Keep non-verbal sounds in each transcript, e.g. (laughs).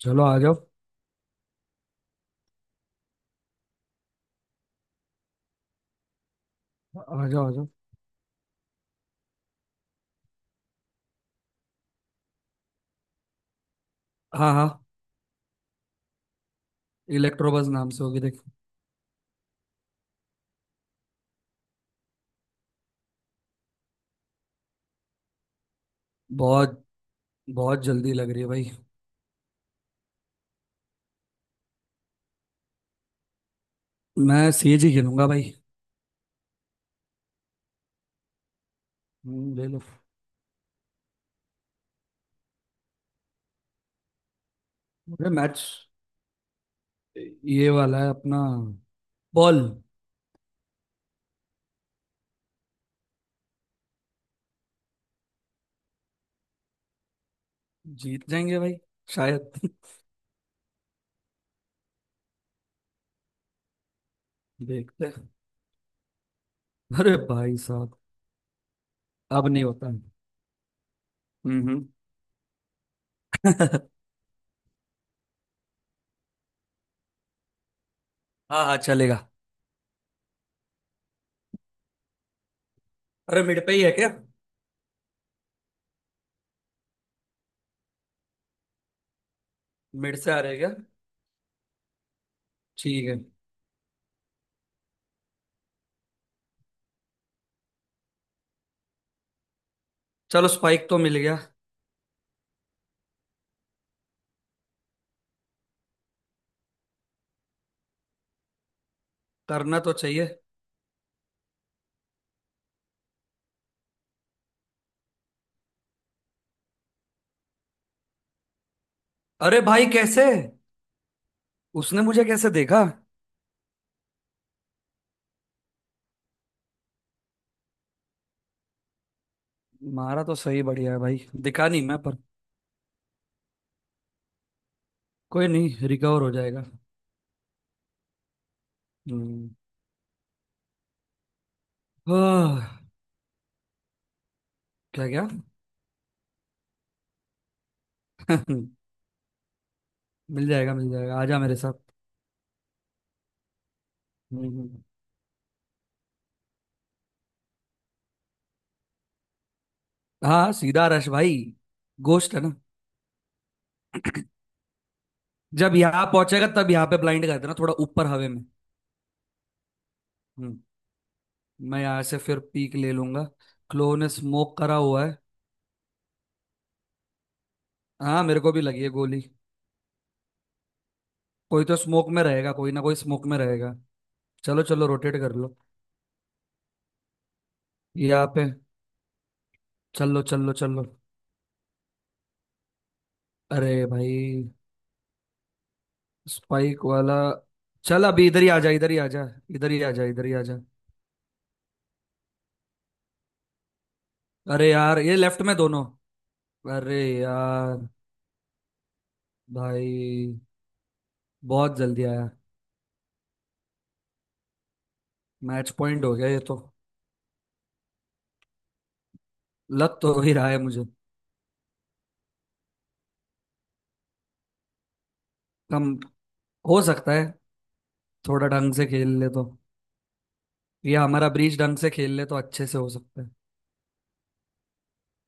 चलो आ जाओ आ जाओ आ जाओ। हाँ हाँ। इलेक्ट्रो बस नाम से होगी देख। बहुत। बहुत जल्दी लग रही है भाई। मैं सीएजी ही खेलूंगा भाई। ले लो। अरे मैच ये वाला है अपना। बॉल। जीत जाएंगे भाई। शायद (laughs) देखते हैं। अरे भाई साहब। अब नहीं होता। हम्म हम्म। (laughs) हाँ हाँ चलेगा। अरे मिड पे ही है क्या? मिड से आ रहे क्या? ठीक है। चलो स्पाइक तो मिल गया। करना तो चाहिए। अरे भाई कैसे? उसने मुझे कैसे देखा? मारा तो सही बढ़िया है भाई दिखा नहीं मैं पर। कोई नहीं रिकवर हो जाएगा। हम्म। हाँ, क्या क्या? (laughs) मिल जाएगा आजा मेरे साथ। हम्म। हाँ सीधा रश भाई। गोश्त है ना? जब यहाँ पहुंचेगा तब यहाँ पे ब्लाइंड कर देना थोड़ा ऊपर हवे में। हम्म। मैं यहाँ से फिर पीक ले लूंगा। क्लो ने स्मोक करा हुआ है। हाँ मेरे को भी लगी है गोली। कोई तो स्मोक में रहेगा कोई ना कोई स्मोक में रहेगा। चलो चलो रोटेट कर लो। यहाँ पे। चलो चलो चलो। अरे भाई। स्पाइक वाला। चल अभी इधर ही आ जा इधर ही आ जा। इधर ही आ जा इधर ही आ जा। अरे यार ये लेफ्ट में दोनों। अरे यार। भाई बहुत जल्दी आया। मैच पॉइंट हो गया ये तो। लत तो हो ही रहा है मुझे। कम हो सकता है। थोड़ा ढंग से खेल ले तो। ये हमारा ब्रीच ढंग से खेल ले तो अच्छे से हो सकता है।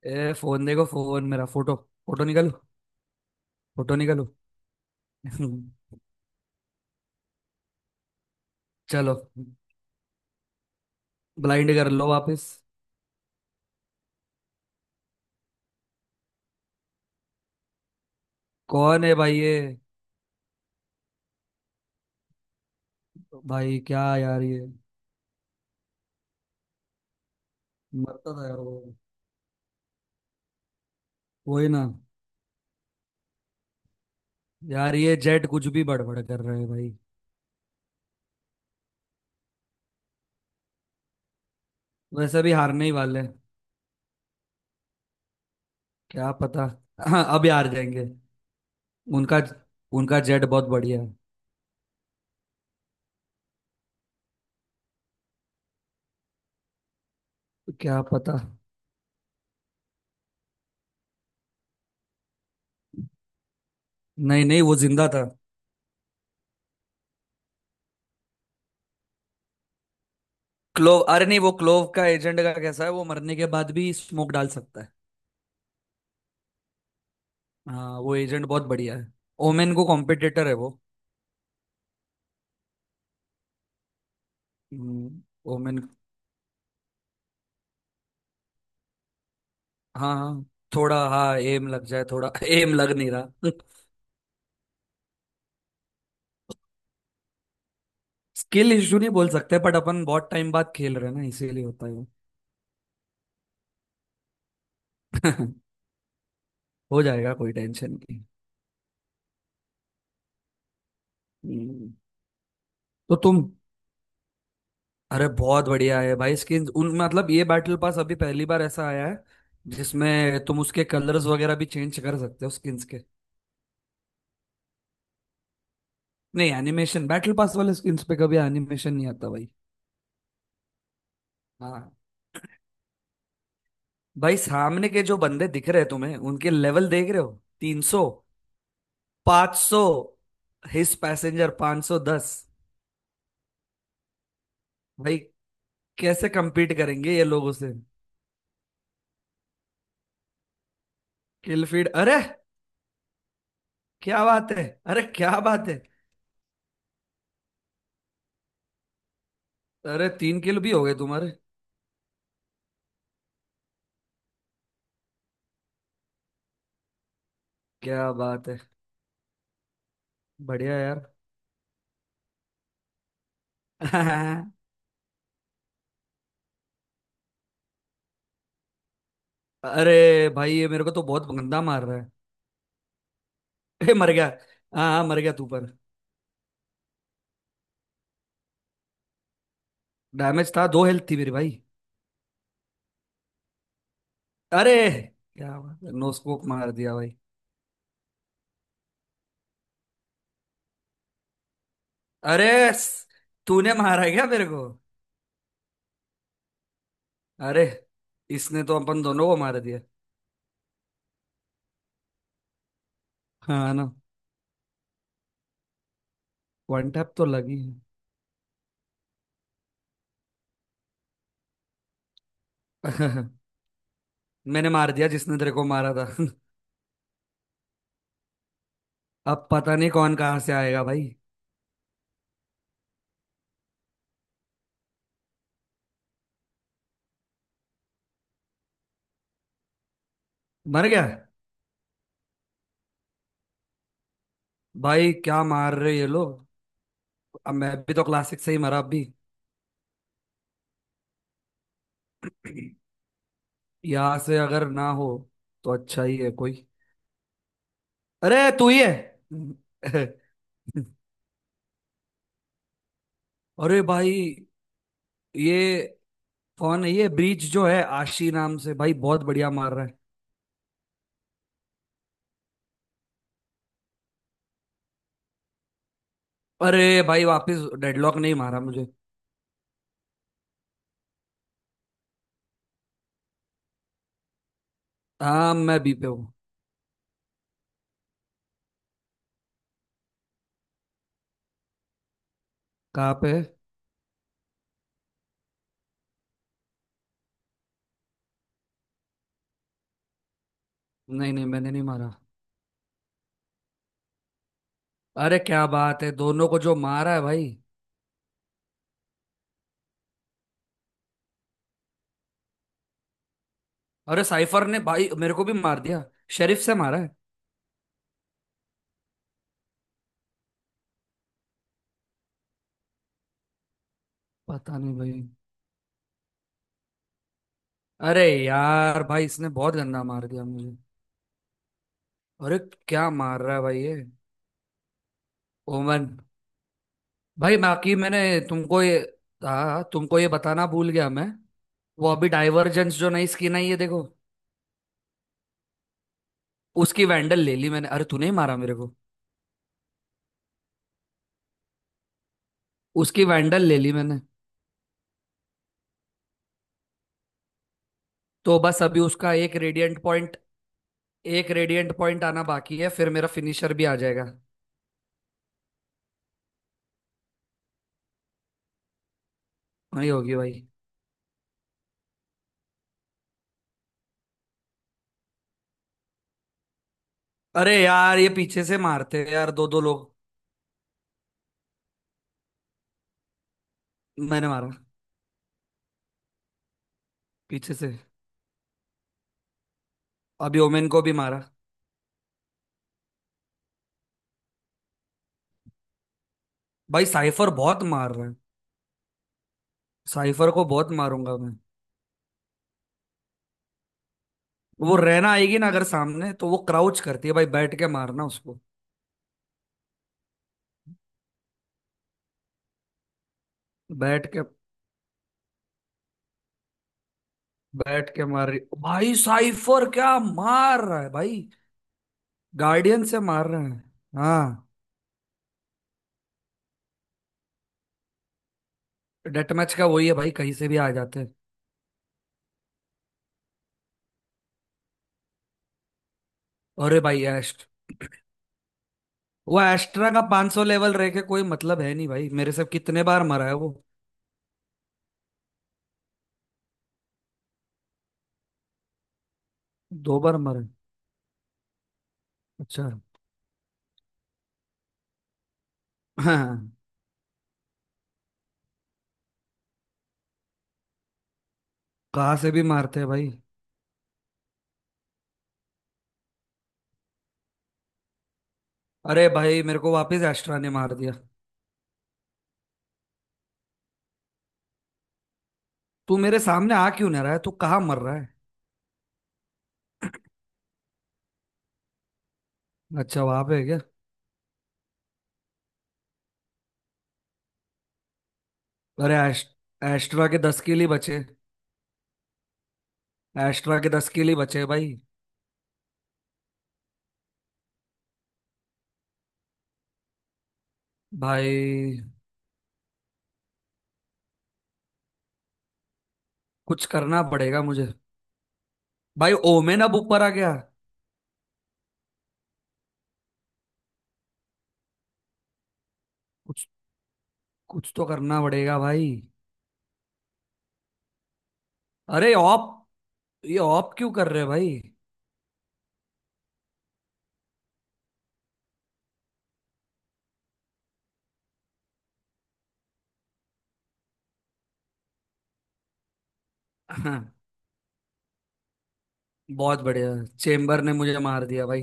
ए फोन देखो फोन मेरा फोटो। फोटो निकालो। फोटो निकालो। (laughs) चलो। ब्लाइंड कर लो वापस। कौन है भाई ये? भाई क्या यार ये। मरता था यार वो। वही ना। यार ये जेट कुछ भी बड़बड़ कर रहे हैं भाई। वैसे भी हारने ही वाले हैं। क्या पता। हाँ अब ही हार जाएंगे। उनका उनका जेट बहुत बढ़िया है। क्या पता। नहीं नहीं वो जिंदा था। क्लोव अरे नहीं वो क्लोव का एजेंट का कैसा है वो मरने के बाद भी स्मोक डाल सकता है। हाँ वो एजेंट बहुत बढ़िया है। ओमेन को कॉम्पिटिटर है वो। हम्म, ओमेन। हाँ हाँ। थोड़ा हाँ एम लग जाए थोड़ा (laughs) एम लग नहीं रहा (laughs) स्किल इशू नहीं बोल सकते बट अपन बहुत टाइम बाद खेल रहे हैं ना इसीलिए होता है वो। (laughs) हो जाएगा कोई टेंशन नहीं। हम्म, तो तुम। अरे बहुत बढ़िया है भाई स्किन उन मतलब ये बैटल पास अभी पहली बार ऐसा आया है जिसमें तुम उसके कलर्स वगैरह भी चेंज कर सकते हो स्किन्स के। नहीं एनिमेशन बैटल पास वाले स्किन्स पे कभी एनिमेशन नहीं आता भाई। हाँ। भाई सामने के जो बंदे दिख रहे हैं तुम्हें उनके लेवल देख रहे हो 300। 500। हिस पैसेंजर 510। भाई कैसे कम्पीट करेंगे ये लोगों से? किल फीड अरे। क्या बात है। अरे क्या बात है। अरे तीन किलो भी हो गए तुम्हारे। क्या बात है। बढ़िया यार। (laughs) अरे भाई ये मेरे को तो बहुत गंदा मार रहा है। (laughs) ए, मर गया। हाँ हाँ मर गया तू पर। डैमेज था दो हेल्थ थी मेरी भाई। अरे क्या बात है नो स्कोप मार दिया भाई। अरे तूने मारा है क्या मेरे को? अरे इसने तो अपन दोनों को मार दिया। हाँ ना। वन टैप तो लगी है। (laughs) मैंने मार दिया जिसने तेरे को मारा था। (laughs) अब पता नहीं कौन कहाँ से आएगा भाई। मर गया। भाई क्या मार रहे ये लोग। अब मैं भी तो क्लासिक से ही मरा अब भी। (clears throat) यहाँ से अगर ना हो तो अच्छा ही है कोई। अरे तू ही है। (laughs) अरे भाई ये। कौन है ये ब्रीच जो है आशी नाम से भाई बहुत बढ़िया मार रहा है। अरे भाई वापस डेडलॉक नहीं मारा मुझे। हाँ मैं बी पे हूँ। कहाँ पे? नहीं नहीं मैंने नहीं मारा। अरे क्या बात है दोनों को जो मारा है भाई। अरे साइफर ने भाई मेरे को भी मार दिया। शेरिफ से मारा है। पता नहीं भाई। अरे यार भाई इसने बहुत गंदा मार दिया मुझे। अरे क्या मार रहा है भाई ये। ओमन। भाई बाकी मैंने। तुमको ये। हाँ तुमको ये बताना भूल गया मैं। वो अभी डाइवर्जेंस जो नई स्किन आई है देखो। उसकी वैंडल ले ली मैंने अरे तूने ही मारा मेरे को। उसकी वैंडल ले ली मैंने। तो बस अभी उसका एक रेडिएंट पॉइंट। एक रेडिएंट पॉइंट आना बाकी है फिर मेरा फिनिशर भी आ जाएगा। वही होगी भाई। अरे यार ये पीछे से मारते हैं यार दो दो लोग। मैंने मारा। पीछे से। अभी ओमेन को भी मारा। भाई साइफर बहुत मार रहा है। साइफर को बहुत मारूंगा मैं। वो रैना आएगी ना अगर सामने तो वो क्राउच करती है भाई बैठ के मारना उसको। बैठ के। बैठ के मार रही भाई साइफर क्या मार रहा है भाई। गार्डियन से मार रहे हैं। हाँ। डेट मैच का वही है भाई कहीं से भी आ जाते हैं। अरे भाई एस्ट वो एस्ट्रा का 500 लेवल रह के कोई मतलब है नहीं भाई मेरे से कितने बार मरा है वो। दो बार मरा है। अच्छा। हाँ। कहाँ से भी मारते हैं भाई। अरे भाई मेरे को वापस एस्ट्रा ने मार दिया। तू मेरे सामने आ क्यों नहीं रहा है तू कहाँ मर रहा है। अच्छा वहां पे है क्या? अरे एस्ट्रा के 10 किल ही बचे। एस्ट्रा के 10 किल ही बचे भाई। भाई कुछ करना पड़ेगा मुझे। भाई ओमेन अब ऊपर आ गया। कुछ कुछ तो करना पड़ेगा भाई। अरे ऑप। ये ऑप क्यों कर रहे हो भाई? (laughs) हाँ, बहुत बढ़िया। चेम्बर ने मुझे मार दिया भाई।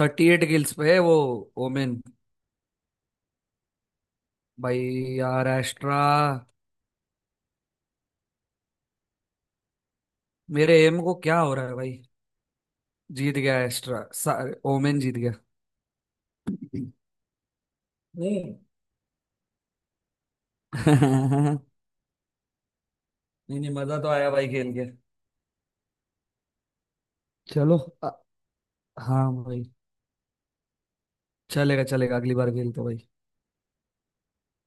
38 किल्स पे है वो। ओमेन। भाई। यार एस्ट्रा। मेरे एम को क्या हो रहा है भाई? जीत गया एस्ट्रा ओमेन जीत गया। नहीं। (laughs) नहीं नहीं मजा तो आया भाई खेल के। चलो। अ- हाँ भाई। चलेगा चलेगा अगली बार खेलते हैं भाई।